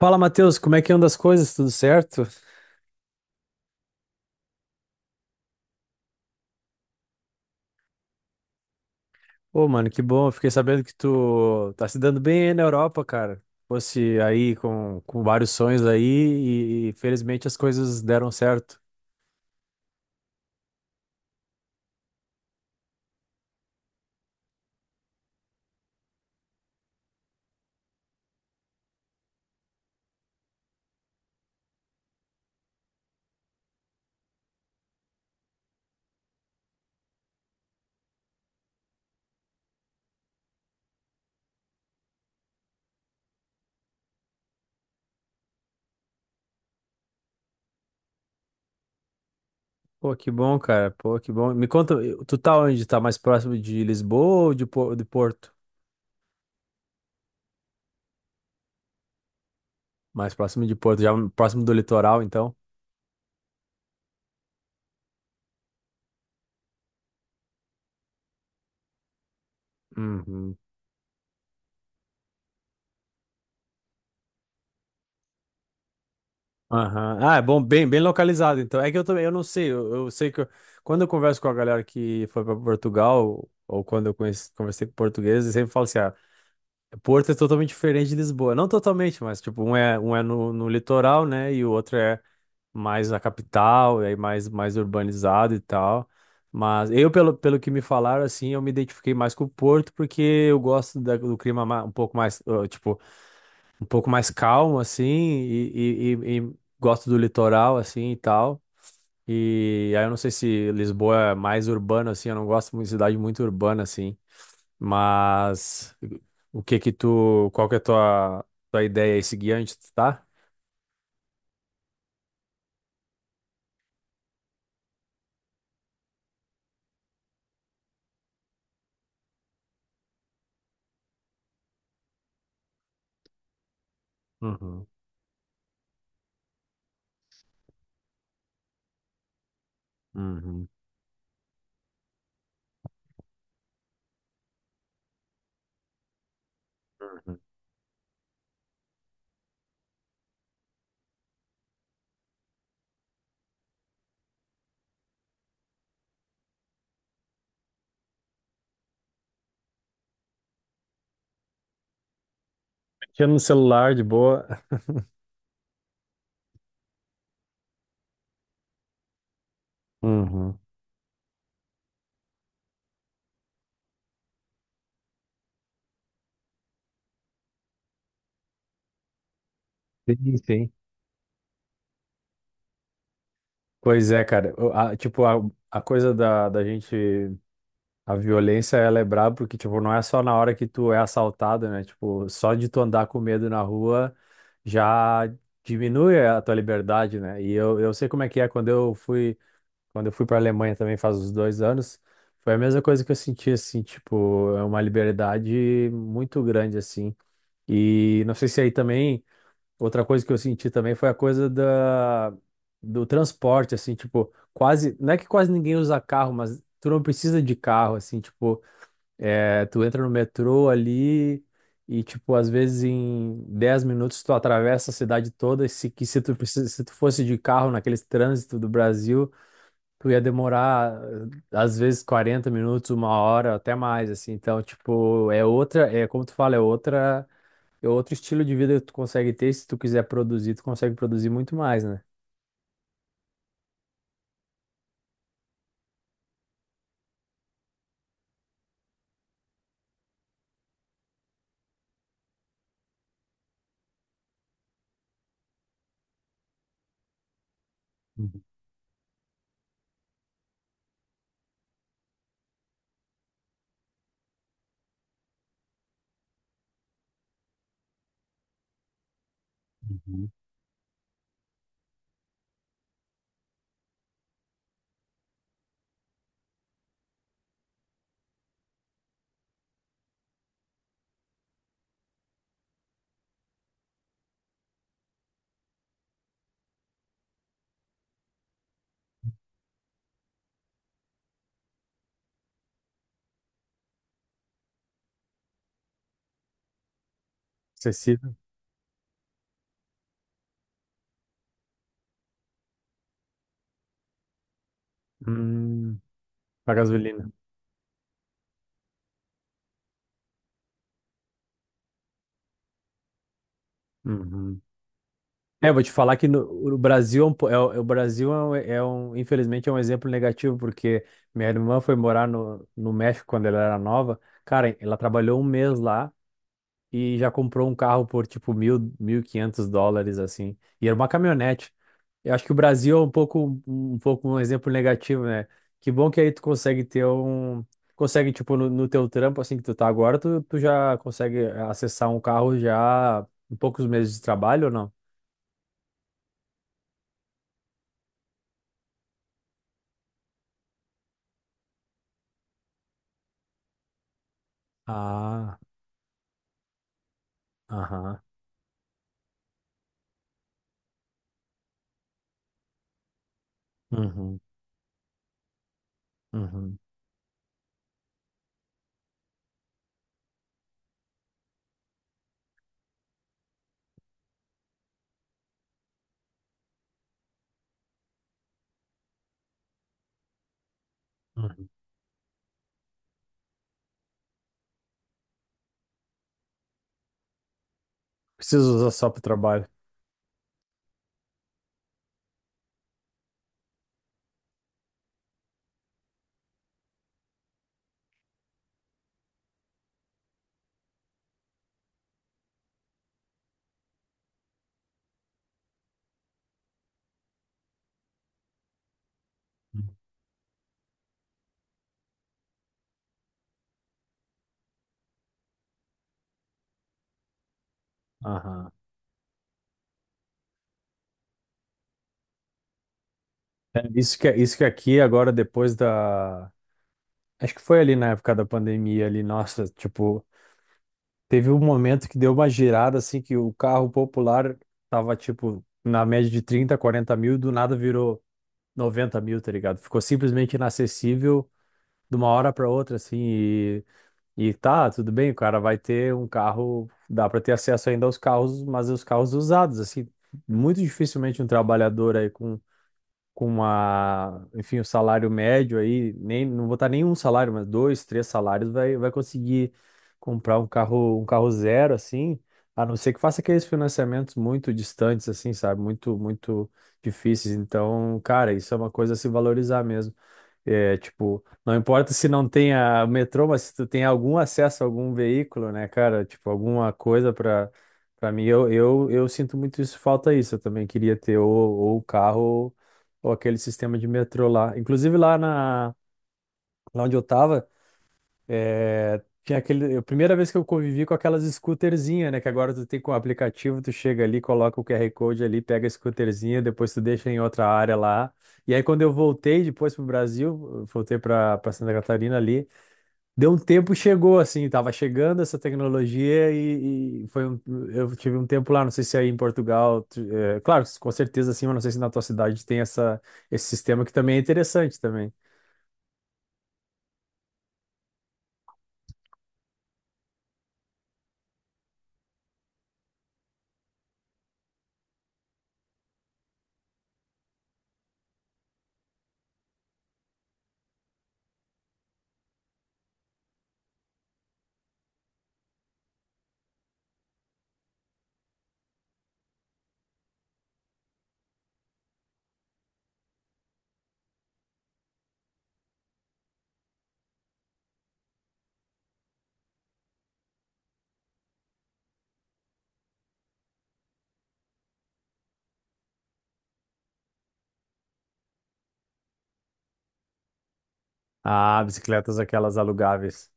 Fala, Matheus, como é que anda as coisas? Tudo certo? Pô, mano, que bom. Eu Fiquei sabendo que tu tá se dando bem aí na Europa, cara. Fosse aí com vários sonhos aí e felizmente as coisas deram certo. Pô, que bom, cara. Pô, que bom. Me conta, tu tá onde? Tá mais próximo de Lisboa ou de, de Porto? Mais próximo de Porto, já próximo do litoral, então? Uhum. Aham. Ah, é bom, bem, bem localizado, então. É que eu também, eu não sei, eu sei que quando eu converso com a galera que foi para Portugal, ou quando eu conheci, conversei com portugueses, eles sempre falam assim, ah, Porto é totalmente diferente de Lisboa. Não totalmente, mas tipo, um é no litoral, né, e o outro é mais a capital, e aí mais, mais urbanizado e tal. Mas eu, pelo que me falaram, assim, eu me identifiquei mais com o Porto, porque eu gosto do clima um pouco mais, ah, tipo, um pouco mais calmo, assim, e gosto do litoral, assim, e tal. E aí eu não sei se Lisboa é mais urbano, assim, eu não gosto muito de cidade muito urbana, assim. Mas o que que tu, qual que é a tua, tua ideia aí seguinte, tá? Uhum, uhum, uhum. Aqui no celular, de boa. Uhum. Sim, sim. Pois é, cara. Tipo, a coisa da gente. A violência, ela é braba porque, tipo, não é só na hora que tu é assaltado, né? Tipo, só de tu andar com medo na rua já diminui a tua liberdade, né? E eu sei como é que é quando eu fui pra Alemanha também faz uns dois anos, foi a mesma coisa que eu senti, assim, tipo, é uma liberdade muito grande, assim. E não sei se aí também outra coisa que eu senti também foi a coisa da, do transporte, assim, tipo, quase, não é que quase ninguém usa carro, mas tu não precisa de carro, assim, tipo, é, tu entra no metrô ali e, tipo, às vezes em 10 minutos tu atravessa a cidade toda, e se, que se tu, se tu fosse de carro naquele trânsito do Brasil, tu ia demorar, às vezes, 40 minutos, uma hora, até mais, assim, então, tipo, é outra, é como tu fala, é outra e outro estilo de vida que tu consegue ter, se tu quiser produzir, tu consegue produzir muito mais, né? Uhum. Uhum. Acessível. Hum, a gasolina. Uhum. É, eu vou te falar que no, o Brasil, é um, é o Brasil é um, infelizmente, é um exemplo negativo, porque minha irmã foi morar no México quando ela era nova. Cara, ela trabalhou um mês lá e já comprou um carro por, tipo, mil, mil e quinhentos dólares, assim. E era uma caminhonete. Eu acho que o Brasil é um pouco um exemplo negativo, né? Que bom que aí tu consegue ter um consegue tipo no teu trampo assim que tu tá agora, tu já consegue acessar um carro já em poucos meses de trabalho ou não? Ah, aham. Uhum, uhum, uhum. Preciso usar só pro trabalho. Aham. É, isso que aqui agora depois da acho que foi ali na época da pandemia ali, nossa, tipo, teve um momento que deu uma girada, assim, que o carro popular tava, tipo, na média de 30, 40 mil e do nada virou 90 mil, tá ligado? Ficou simplesmente inacessível de uma hora para outra, assim, e tá, tudo bem, o cara vai ter um carro, dá para ter acesso ainda aos carros, mas os carros usados, assim, muito dificilmente um trabalhador aí com uma enfim, o salário médio aí, nem, não vou botar nem um salário, mas dois, três salários, vai conseguir comprar um carro zero, assim, a não ser que faça aqueles financiamentos muito distantes, assim, sabe? Muito, muito difíceis. Então, cara, isso é uma coisa a se valorizar mesmo. É, tipo, não importa se não tenha metrô, mas se tu tem algum acesso a algum veículo, né, cara? Tipo, alguma coisa para para mim, eu sinto muito isso, falta isso. Eu também queria ter ou carro ou aquele sistema de metrô lá. Inclusive lá onde eu tava, é, tinha aquele, a primeira vez que eu convivi com aquelas scooterzinhas, né? Que agora tu tem com o aplicativo, tu chega ali, coloca o QR Code ali, pega a scooterzinha, depois tu deixa em outra área lá. E aí quando eu voltei depois pro Brasil, eu voltei pra Santa Catarina ali, deu um tempo, chegou assim, tava chegando essa tecnologia e foi um, eu tive um tempo lá, não sei se é aí em Portugal, é, claro, com certeza sim, mas não sei se na tua cidade tem essa, esse sistema que também é interessante também. Ah, bicicletas aquelas alugáveis.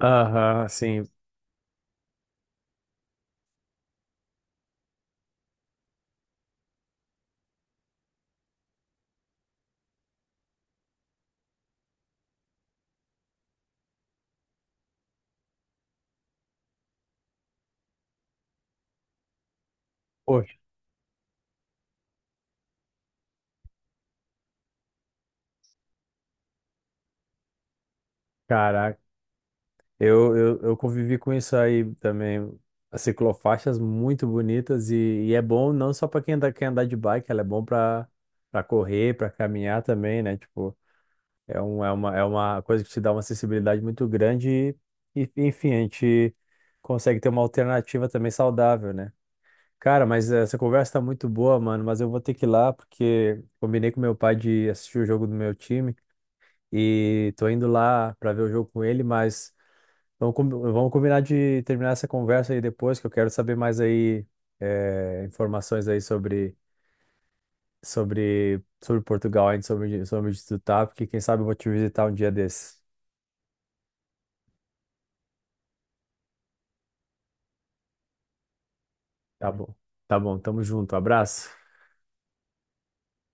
Aham, sim. Poxa, caraca. Eu convivi com isso aí também. As ciclofaixas muito bonitas e é bom não só para quem anda, quer andar de bike, ela é bom para para correr, para caminhar também, né? Tipo, é, um, é uma coisa que te dá uma acessibilidade muito grande e, enfim, a gente consegue ter uma alternativa também saudável, né? Cara, mas essa conversa tá muito boa, mano, mas eu vou ter que ir lá porque combinei com meu pai de assistir o jogo do meu time e tô indo lá pra ver o jogo com ele, mas vamos, vamos combinar de terminar essa conversa aí depois, que eu quero saber mais aí informações aí sobre, sobre Portugal, ainda sobre, sobre onde tu tá, porque quem sabe eu vou te visitar um dia desses. Tá bom. Tá bom, tamo junto. Abraço.